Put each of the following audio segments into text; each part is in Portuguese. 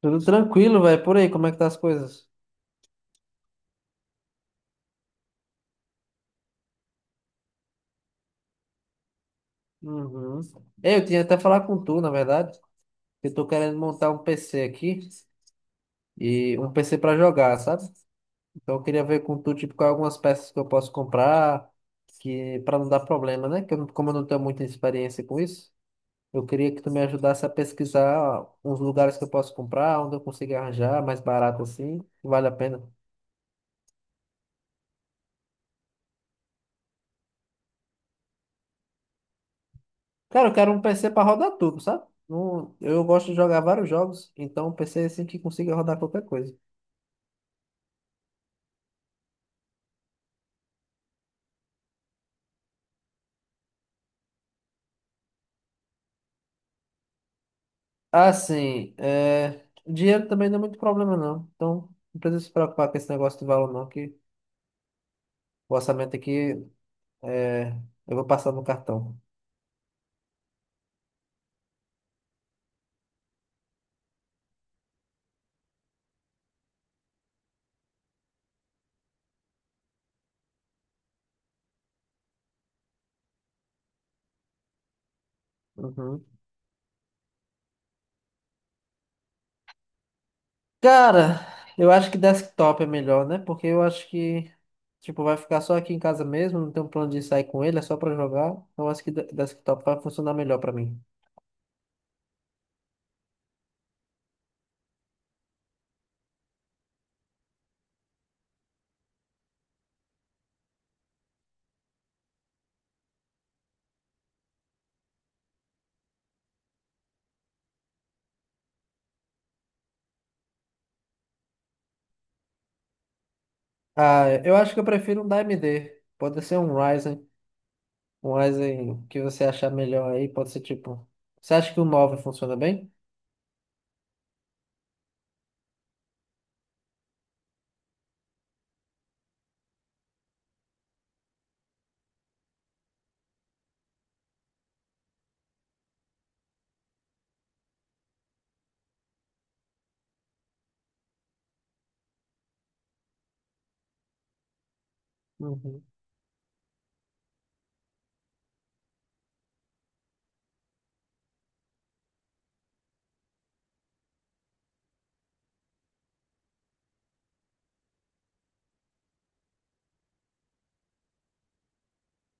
Tudo tranquilo, velho. Por aí, como é que tá as coisas? Uhum. Eu tinha até falar com tu, na verdade, que eu tô querendo montar um PC aqui e um PC pra jogar, sabe? Então eu queria ver com tu, tipo, quais algumas peças que eu posso comprar, que para não dar problema, né? Que eu não- Como eu não tenho muita experiência com isso, eu queria que tu me ajudasse a pesquisar uns lugares que eu posso comprar, onde eu consigo arranjar mais barato assim, que vale a pena. Cara, eu quero um PC pra rodar tudo, sabe? Eu gosto de jogar vários jogos, então um PC assim que consiga rodar qualquer coisa. Assim, dinheiro também não é muito problema, não. Então, não precisa se preocupar com esse negócio de valor, não, que o orçamento aqui é, eu vou passar no cartão. Uhum. Cara, eu acho que desktop é melhor, né? Porque eu acho que, tipo, vai ficar só aqui em casa mesmo, não tem um plano de sair com ele, é só pra jogar. Então, eu acho que desktop vai funcionar melhor pra mim. Ah, eu acho que eu prefiro um da AMD. Pode ser um Ryzen. Um Ryzen que você achar melhor aí. Pode ser tipo. Você acha que o 9 funciona bem? Uhum.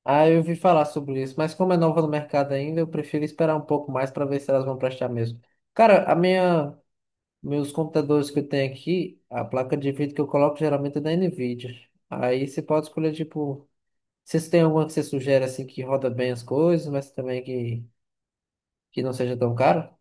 Ah, eu ouvi falar sobre isso, mas como é nova no mercado ainda, eu prefiro esperar um pouco mais para ver se elas vão prestar mesmo. Cara, meus computadores que eu tenho aqui, a placa de vídeo que eu coloco geralmente é da Nvidia. Aí você pode escolher, tipo, se tem alguma que você sugere assim que roda bem as coisas, mas também que não seja tão cara.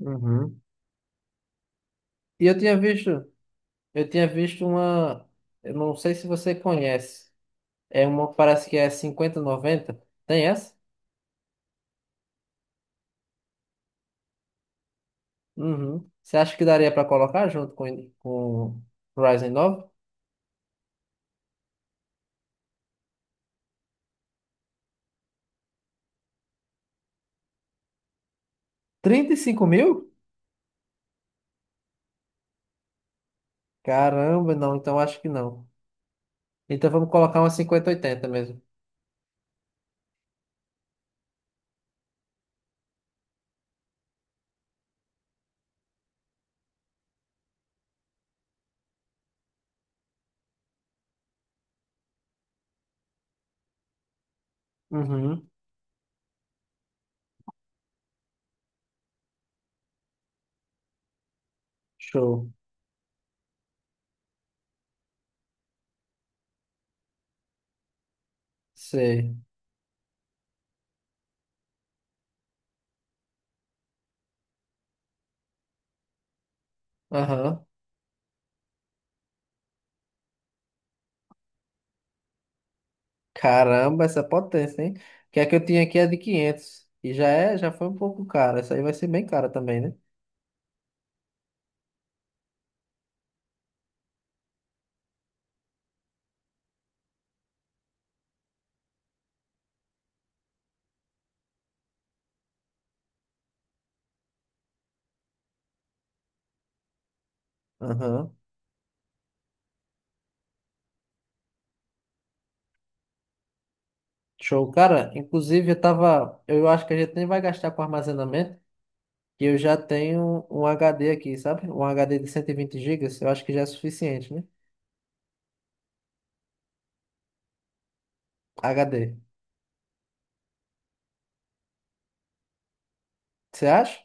Uhum. E eu tinha visto uma, eu não sei se você conhece, é uma, parece que é 5090, tem essa? Uhum. Você acha que daria para colocar junto com o Ryzen 9? 35 mil? Caramba, não, então acho que não. Então vamos colocar uma 50 oitenta mesmo. Uhum. Show. Sei. Aham. Caramba, essa potência, hein? Que a que eu tinha aqui é de 500. E já foi um pouco cara. Essa aí vai ser bem cara também, né? Aham. Show. Cara, inclusive eu tava. Eu acho que a gente nem vai gastar com armazenamento, que eu já tenho um HD aqui, sabe? Um HD de 120 gigas, eu acho que já é suficiente, né? HD. Você acha?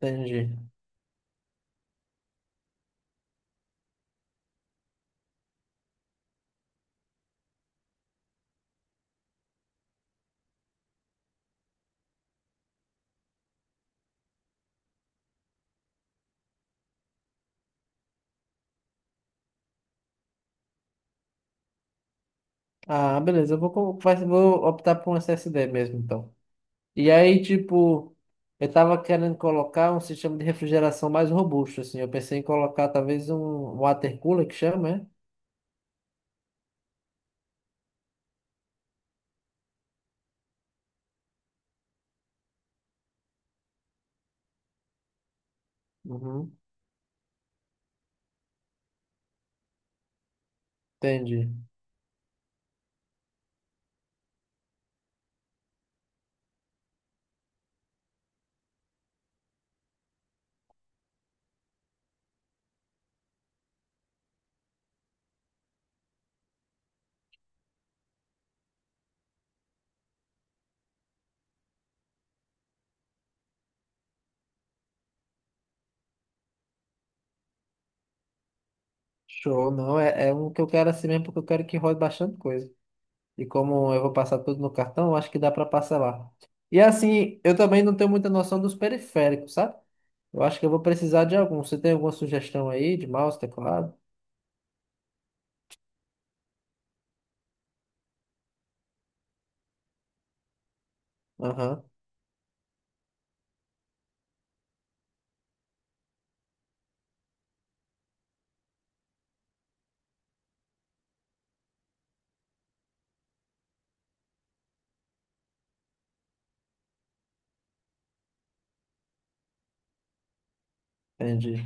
Entendi. Ah, beleza, eu vou optar por um SSD mesmo, então. E aí, tipo, eu tava querendo colocar um sistema de refrigeração mais robusto, assim. Eu pensei em colocar talvez um water cooler, que chama, né? Uhum. Entendi. Show, não, é um que eu quero assim mesmo, porque eu quero que rode bastante coisa. E como eu vou passar tudo no cartão, eu acho que dá para parcelar. E assim, eu também não tenho muita noção dos periféricos, sabe? Eu acho que eu vou precisar de algum. Você tem alguma sugestão aí de mouse, teclado? Aham, entendi.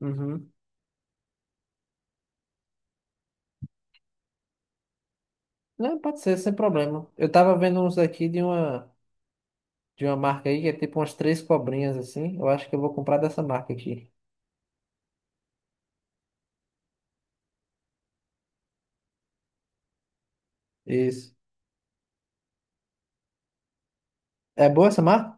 Uhum. Não, pode ser, sem problema. Eu tava vendo uns aqui de uma marca aí que é tipo umas três cobrinhas assim. Eu acho que eu vou comprar dessa marca aqui. Isso. É boa essa marca?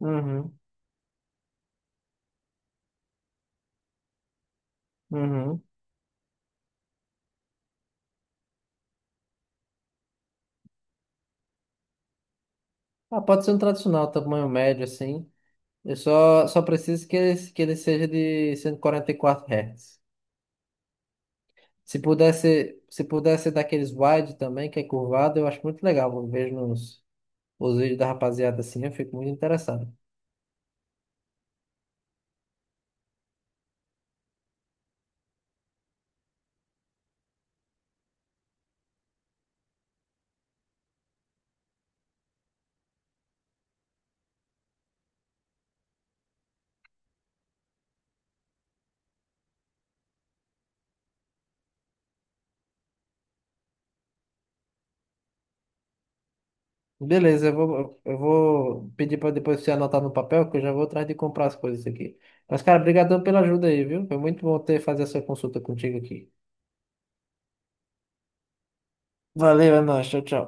Uhum, uhum. Ah, pode ser um tradicional, tamanho médio assim. Eu só preciso que ele seja de cento e quarenta e quatro Hz. Se pudesse daqueles wide também, que é curvado, eu acho muito legal. Eu vejo os vídeos da rapaziada assim, eu fico muito interessado. Beleza, eu vou pedir para depois você anotar no papel, que eu já vou atrás de comprar as coisas aqui. Mas, cara, brigadão pela ajuda aí, viu? Foi muito bom ter fazer essa consulta contigo aqui. Valeu, é nóis, tchau, tchau.